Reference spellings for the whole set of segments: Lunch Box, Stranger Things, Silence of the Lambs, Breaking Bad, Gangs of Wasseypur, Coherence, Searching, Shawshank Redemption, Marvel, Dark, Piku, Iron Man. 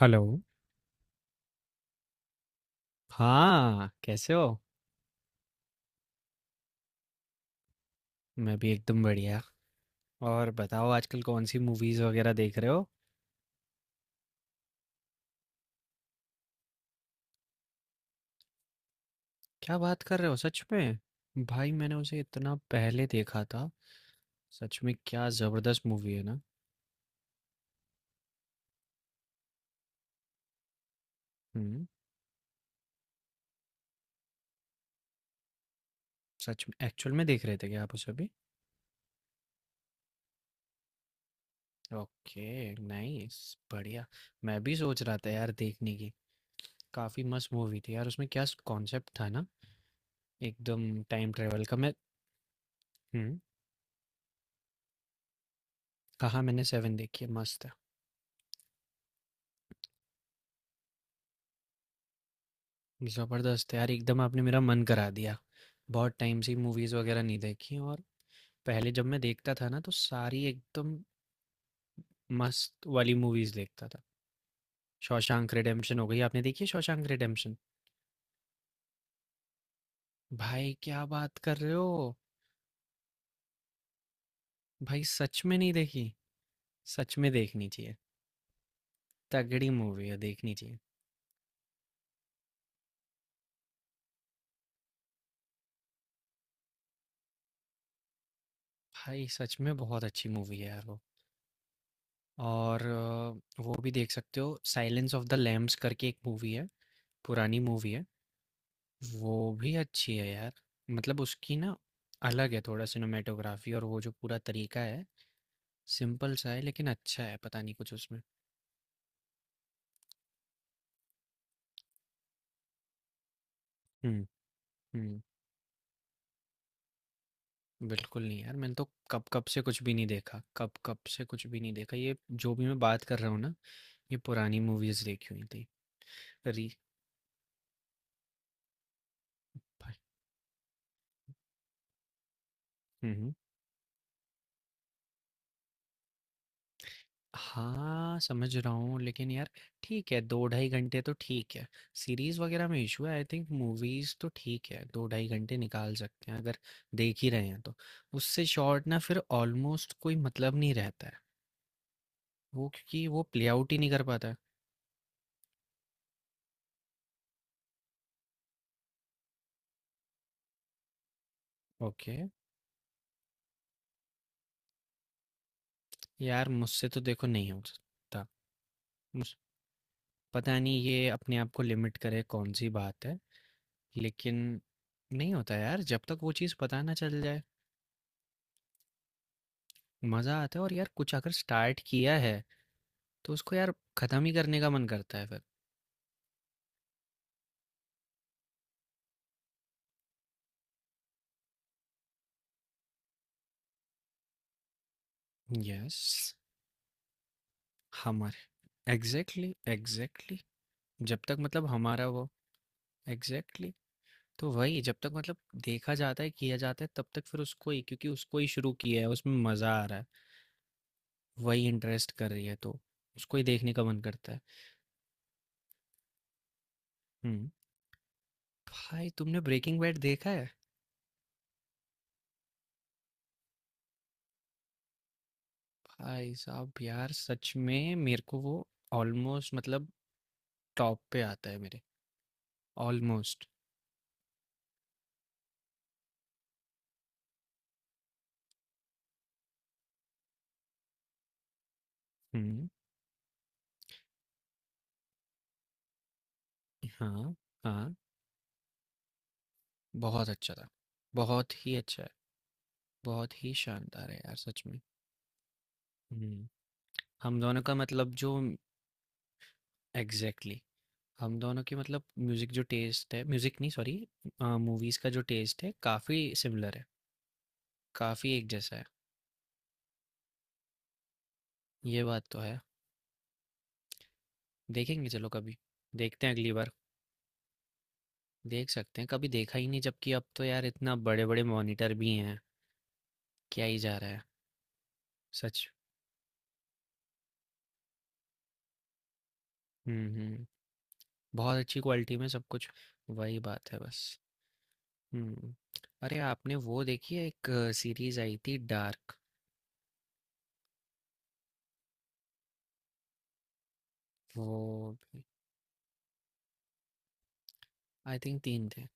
Hello. हाँ, कैसे हो? मैं भी एकदम बढ़िया। और बताओ आजकल कौन सी मूवीज वगैरह देख रहे हो? क्या बात कर रहे हो सच में। भाई मैंने उसे इतना पहले देखा था। सच में क्या जबरदस्त मूवी है ना। हम्म। सच में एक्चुअल में देख रहे थे क्या आप उसे भी? Okay, nice. बढ़िया। मैं भी सोच रहा था यार देखने की। काफी मस्त मूवी थी यार, उसमें क्या कॉन्सेप्ट था ना, एकदम टाइम ट्रेवल का। मैं हम्म। हाँ हाँ, मैंने सेवन देखी है, मस्त है। ज़बरदस्त यार एकदम, आपने मेरा मन करा दिया। बहुत टाइम से मूवीज़ वगैरह नहीं देखी। और पहले जब मैं देखता था ना तो सारी एकदम मस्त वाली मूवीज़ देखता था। शॉशैंक रिडेम्पशन हो गई, आपने देखी है शॉशैंक रिडेम्पशन? भाई क्या बात कर रहे हो। भाई सच में नहीं देखी? सच में देखनी चाहिए। तगड़ी मूवी है, देखनी चाहिए। भाई सच में बहुत अच्छी मूवी है यार वो। और वो भी देख सकते हो, साइलेंस ऑफ द लैम्स करके एक मूवी है। पुरानी मूवी है। वो भी अच्छी है यार। मतलब उसकी ना अलग है थोड़ा सिनेमेटोग्राफी, और वो जो पूरा तरीका है सिंपल सा है, लेकिन अच्छा है, पता नहीं कुछ उसमें। हम्म हम्म। बिल्कुल नहीं यार, मैंने तो कब कब से कुछ भी नहीं देखा, कब कब से कुछ भी नहीं देखा। ये जो भी मैं बात कर रहा हूँ ना ये पुरानी मूवीज देखी हुई थी। री भाई। हम्म। हाँ, समझ रहा हूँ, लेकिन यार ठीक है, 2 ढाई घंटे तो ठीक है। सीरीज़ वग़ैरह में इश्यू है आई थिंक, मूवीज़ तो ठीक है, 2 ढाई घंटे निकाल सकते हैं अगर देख ही रहे हैं तो। उससे शॉर्ट ना फिर ऑलमोस्ट कोई मतलब नहीं रहता है, वो क्योंकि वो प्ले आउट ही नहीं कर पाता है। ओके, यार मुझसे तो देखो नहीं हो सकता। मुझ पता नहीं ये अपने आप को लिमिट करे कौन-सी बात है, लेकिन नहीं होता यार जब तक वो चीज़ पता ना चल जाए, मज़ा आता है। और यार कुछ अगर स्टार्ट किया है तो उसको यार खत्म ही करने का मन करता है फिर। यस हमारे एग्जैक्टली एग्जैक्टली। जब तक मतलब हमारा वो एग्जैक्टली exactly, तो वही जब तक मतलब देखा जाता है किया जाता है तब तक फिर उसको ही, क्योंकि उसको ही शुरू किया है, उसमें मजा आ रहा है, वही इंटरेस्ट कर रही है, तो उसको ही देखने का मन करता है। हम्म। भाई तुमने ब्रेकिंग बैड देखा है? भाई साहब यार, सच में मेरे को वो ऑलमोस्ट मतलब टॉप पे आता है मेरे, ऑलमोस्ट। हम्म। हाँ हाँ, बहुत अच्छा था। बहुत ही अच्छा है। बहुत ही शानदार है यार सच में। हुँ। हम दोनों का मतलब जो एग्ज़ैक्टली, हम दोनों की मतलब म्यूज़िक जो टेस्ट है, म्यूज़िक नहीं सॉरी, मूवीज़ का जो टेस्ट है काफ़ी सिमिलर है। काफ़ी एक जैसा है। ये बात तो है। देखेंगे चलो कभी। देखते हैं अगली बार। देख सकते हैं। कभी देखा ही नहीं, जबकि अब तो यार इतना बड़े-बड़े मॉनिटर भी हैं। क्या ही जा रहा है। सच। हुँ, हुँ। बहुत अच्छी क्वालिटी में सब कुछ। वही बात है बस। हुँ। अरे आपने वो देखी है, एक सीरीज़ आई थी डार्क? वो आई थिंक 3 थे।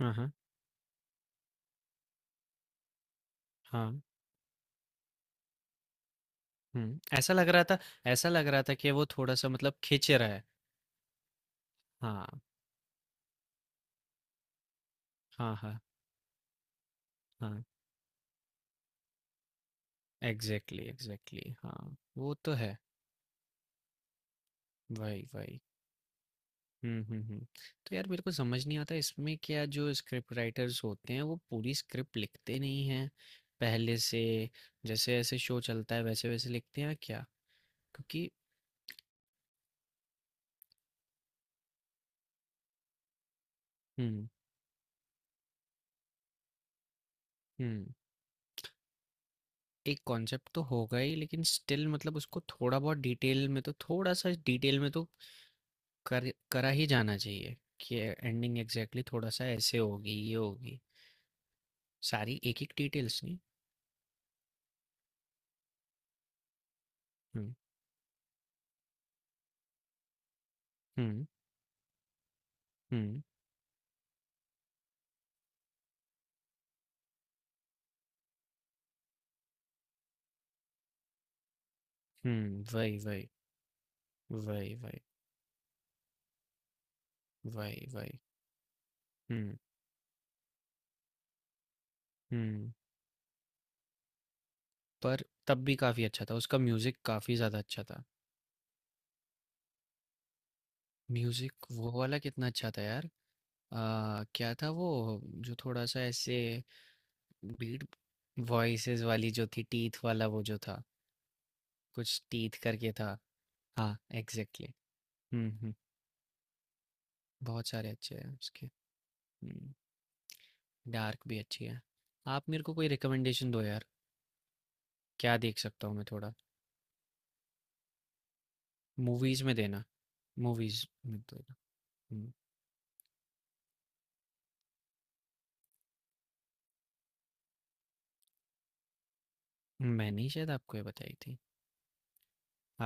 हाँ, हाँ। हाँ। हुँ, ऐसा लग रहा था। ऐसा लग रहा था कि वो थोड़ा-सा मतलब खींच रहा है। हाँ, हाँ, हाँ, हाँ। एग्ज़ैक्टली, एग्ज़ैक्टली हाँ, वो तो है। वही, वही। हुँ, हुँ, हुँ। तो यार मेरे को समझ नहीं आता इसमें, क्या जो स्क्रिप्ट राइटर्स होते हैं वो पूरी स्क्रिप्ट लिखते नहीं हैं पहले से, जैसे-जैसे शो चलता है वैसे-वैसे लिखते हैं या क्या? क्योंकि हुँ, हुँ। एक कॉन्सेप्ट तो होगा ही, लेकिन स्टिल मतलब उसको थोड़ा बहुत डिटेल में तो, थोड़ा सा डिटेल में तो कर करा ही जाना चाहिए, कि एंडिंग एग्जैक्टली थोड़ा सा ऐसे होगी, ये होगी, सारी एक एक डिटेल्स नहीं। हम्म हम्म हम्म। वही वही, वही वही, वही वही। हम्म हम्म। पर तब भी काफी अच्छा था, उसका म्यूजिक काफी ज्यादा अच्छा था। म्यूजिक वो वाला कितना अच्छा था यार। क्या था वो, जो थोड़ा सा ऐसे बीट, वॉइसेस वाली जो थी, टीथ वाला वो जो था, कुछ टीथ करके था। हाँ एग्जैक्टली। हम्म। बहुत सारे अच्छे हैं उसके। हम्म। डार्क भी अच्छी है। आप मेरे को कोई रिकमेंडेशन दो यार, क्या देख सकता हूँ मैं थोड़ा? मूवीज में देना, मूवीज में तो देना। हम्म, मैंने ही शायद आपको ये बताई थी।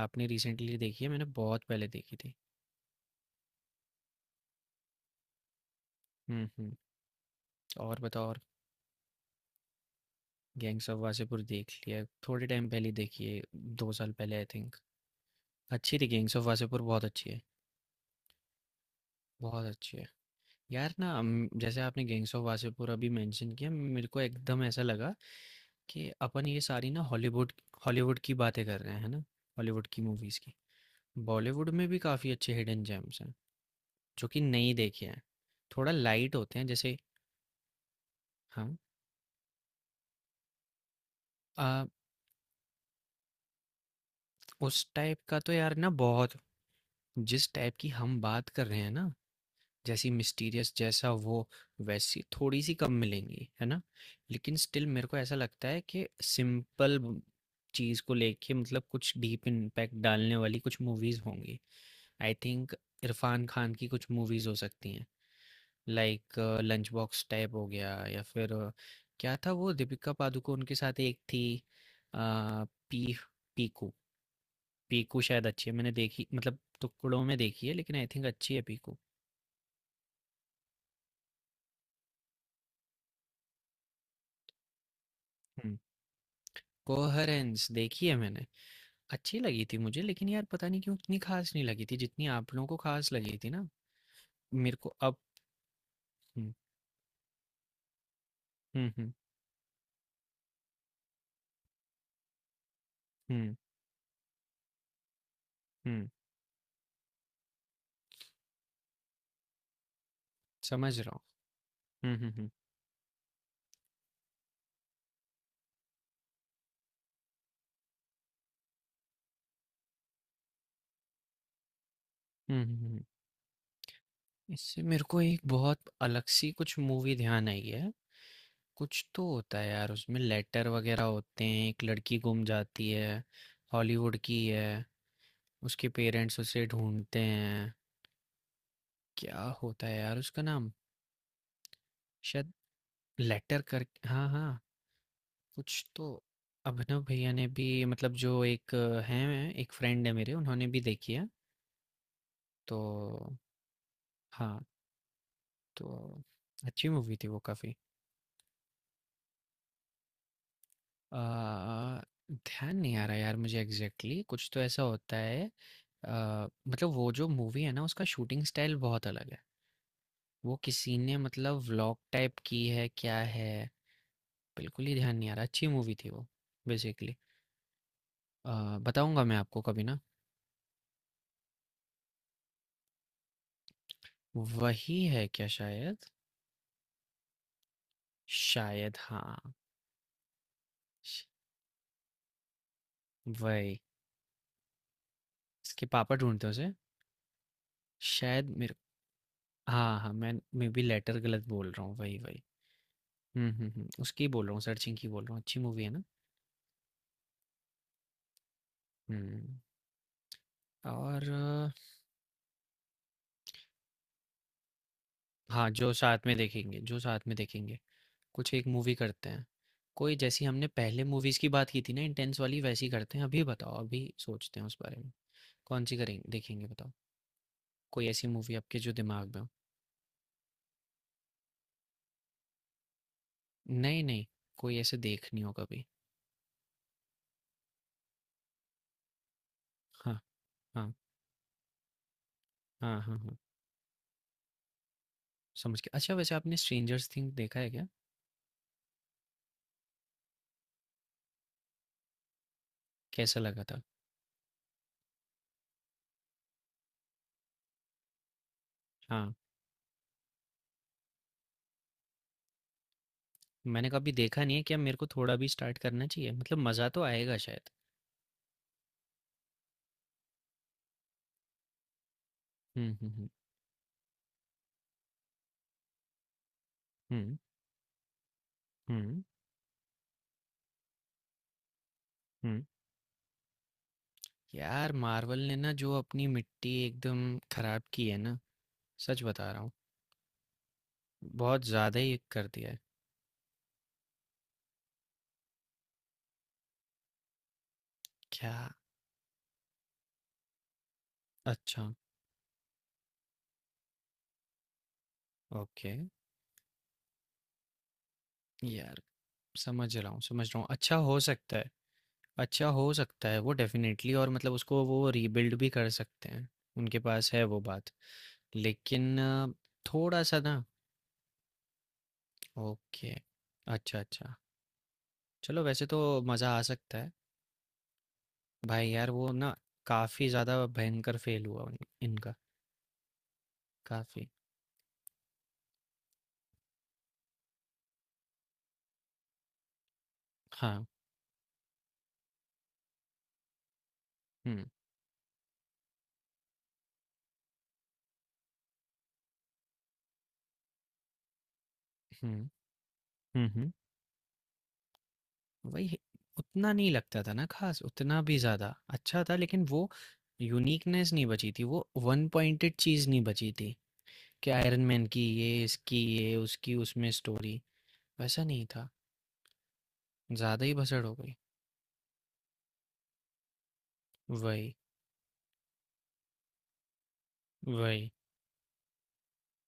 आपने रिसेंटली देखी है, मैंने बहुत पहले देखी थी। हम्म। और बताओ और। गैंग्स ऑफ वासेपुर देख लिया, थोड़े टाइम पहले देखी है, दो साल पहले आई थिंक। अच्छी थी गैंग्स ऑफ वासेपुर, बहुत अच्छी है। बहुत अच्छी है यार ना। जैसे आपने गैंग्स ऑफ वासेपुर अभी मेंशन किया, मेरे को एकदम ऐसा लगा कि अपन ये सारी ना हॉलीवुड, हॉलीवुड की बातें कर रहे हैं, है ना, हॉलीवुड की मूवीज की। बॉलीवुड में भी काफी अच्छे हिडन जेम्स हैं जो कि नहीं देखे हैं, थोड़ा लाइट होते हैं जैसे। हाँ। आ, उस टाइप का तो यार ना बहुत, जिस टाइप की हम बात कर रहे हैं ना, जैसी मिस्टीरियस जैसा वो, वैसी थोड़ी सी कम मिलेंगी है ना। लेकिन स्टिल मेरे को ऐसा लगता है कि सिंपल चीज को लेके मतलब कुछ डीप इम्पैक्ट डालने वाली कुछ मूवीज होंगी आई थिंक। इरफान खान की कुछ मूवीज हो सकती हैं, लाइक लंच बॉक्स टाइप हो गया, या फिर क्या था वो दीपिका पादुकोण के साथ एक थी, अ, पी पीकू। पीकू शायद अच्छी है, मैंने देखी मतलब टुकड़ों में देखी है, लेकिन आई थिंक अच्छी है पीकू। हम्म। कोहरेंस देखी है मैंने, अच्छी लगी थी मुझे, लेकिन यार पता नहीं क्यों उतनी ख़ास नहीं लगी थी, जितनी आप लोगों को ख़ास लगी थी ना। मेरे को अब हुँ, हुँ, हुँ, हुँ, हुँ, समझ रहा हूँ। हुँ, हुँ, हुँ, हुँ, हुँ, हुँ। इससे मेरे को एक बहुत अलग-सी कुछ मूवी ध्यान आई है। कुछ तो होता है यार उसमें, लेटर वग़ैरह होते हैं, एक लड़की गुम जाती है, हॉलीवुड की है, उसके पेरेंट्स उसे ढूँढते हैं। क्या होता है यार उसका नाम? शायद लेटर कर, हाँ, हाँ। कुछ तो अभिनव भैया ने भी, मतलब जो एक हैं एक फ्रेंड है मेरे उन्होंने भी देखी है, तो हाँ। तो अच्छी मूवी थी वो काफ़ी। ध्यान नहीं आ रहा यार मुझे एग्जैक्टली exactly, कुछ तो ऐसा होता है, मतलब वो जो मूवी है ना उसका शूटिंग स्टाइल बहुत अलग है, वो किसी ने मतलब व्लॉग टाइप की है क्या है। बिल्कुल ही ध्यान नहीं आ रहा, अच्छी मूवी थी वो बेसिकली। बताऊंगा मैं आपको कभी ना। वही है क्या शायद? शायद हाँ। श वही, इसके पापा ढूँढते हैं उसे, शायद मेरे, हाँ, हाँ, मैं, मे बी लेटर गलत बोल रहा हूँ, वही, वही। हुँ, हुँ, हुँ, उसकी बोल रहा हूँ, सर्चिंग की बोल रहा हूँ, अच्छी मूवी है ना? हुँ, और हाँ, जो साथ में देखेंगे जो साथ में देखेंगे, कुछ एक मूवी करते हैं, कोई जैसी हमने पहले मूवीज़ की बात की थी ना इंटेंस वाली वैसी करते हैं, अभी बताओ, अभी सोचते हैं उस बारे में, कौन-सी करेंगे देखेंगे बताओ? कोई ऐसी मूवी आपके जो दिमाग में हो? नहीं, नहीं, कोई ऐसे देखनी हो कभी। हाँ, हाँ, हाँ, हाँ, हाँ। समझ गया। अच्छा वैसे आपने स्ट्रेंजर्स थिंग देखा है क्या? कैसा लगा था? हाँ, मैंने कभी देखा नहीं है, क्या मेरे को थोड़ा भी स्टार्ट करना चाहिए? मतलब मज़ा तो आएगा शायद। हुँ, हुँ, हुँ। हुँ, हुँ, हुँ। यार मार्वल ने ना जो अपनी मिट्टी एकदम खराब की है ना, सच बता रहा हूँ, बहुत ज़्यादा ही कर दिया है। क्या? अच्छा, ओके। यार समझ रहा हूँ, समझ रहा हूँ। अच्छा हो सकता है, अच्छा हो सकता है वो डेफ़िनेटली, और मतलब उसको वो रीबिल्ड भी कर सकते हैं। उनके पास है वो बात। लेकिन थोड़ा-सा ना, ओके। अच्छा, अच्छा। चलो वैसे तो मज़ा आ सकता है। भाई यार वो ना काफ़ी ज़्यादा भयंकर फ़ेल हुआ, उन, इनका काफ़ी। हाँ। हुँ, हुँ। हुँ, हुँ। वही है, उतना नहीं लगता था ना ख़ास, उतना भी ज़्यादा। अच्छा था लेकिन वो यूनिकनेस नहीं बची थी, वो वन पॉइंटेड चीज़ नहीं बची थी, कि आयरन मैन की ये, इसकी ये, उसकी उसमें स्टोरी। वैसा नहीं था। ज़्यादा ही भसड़ हो गई। वही, वही,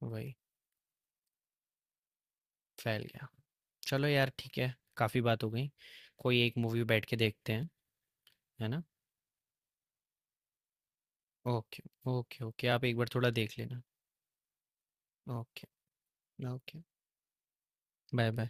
वही। फैल गया। चलो यार ठीक है, काफ़ी बात हो गई, कोई एक मूवी बैठ के देखते हैं, है ना? ओके। ओके ओके, आप एक बार थोड़ा देख लेना। ओके। ओके। Bye bye.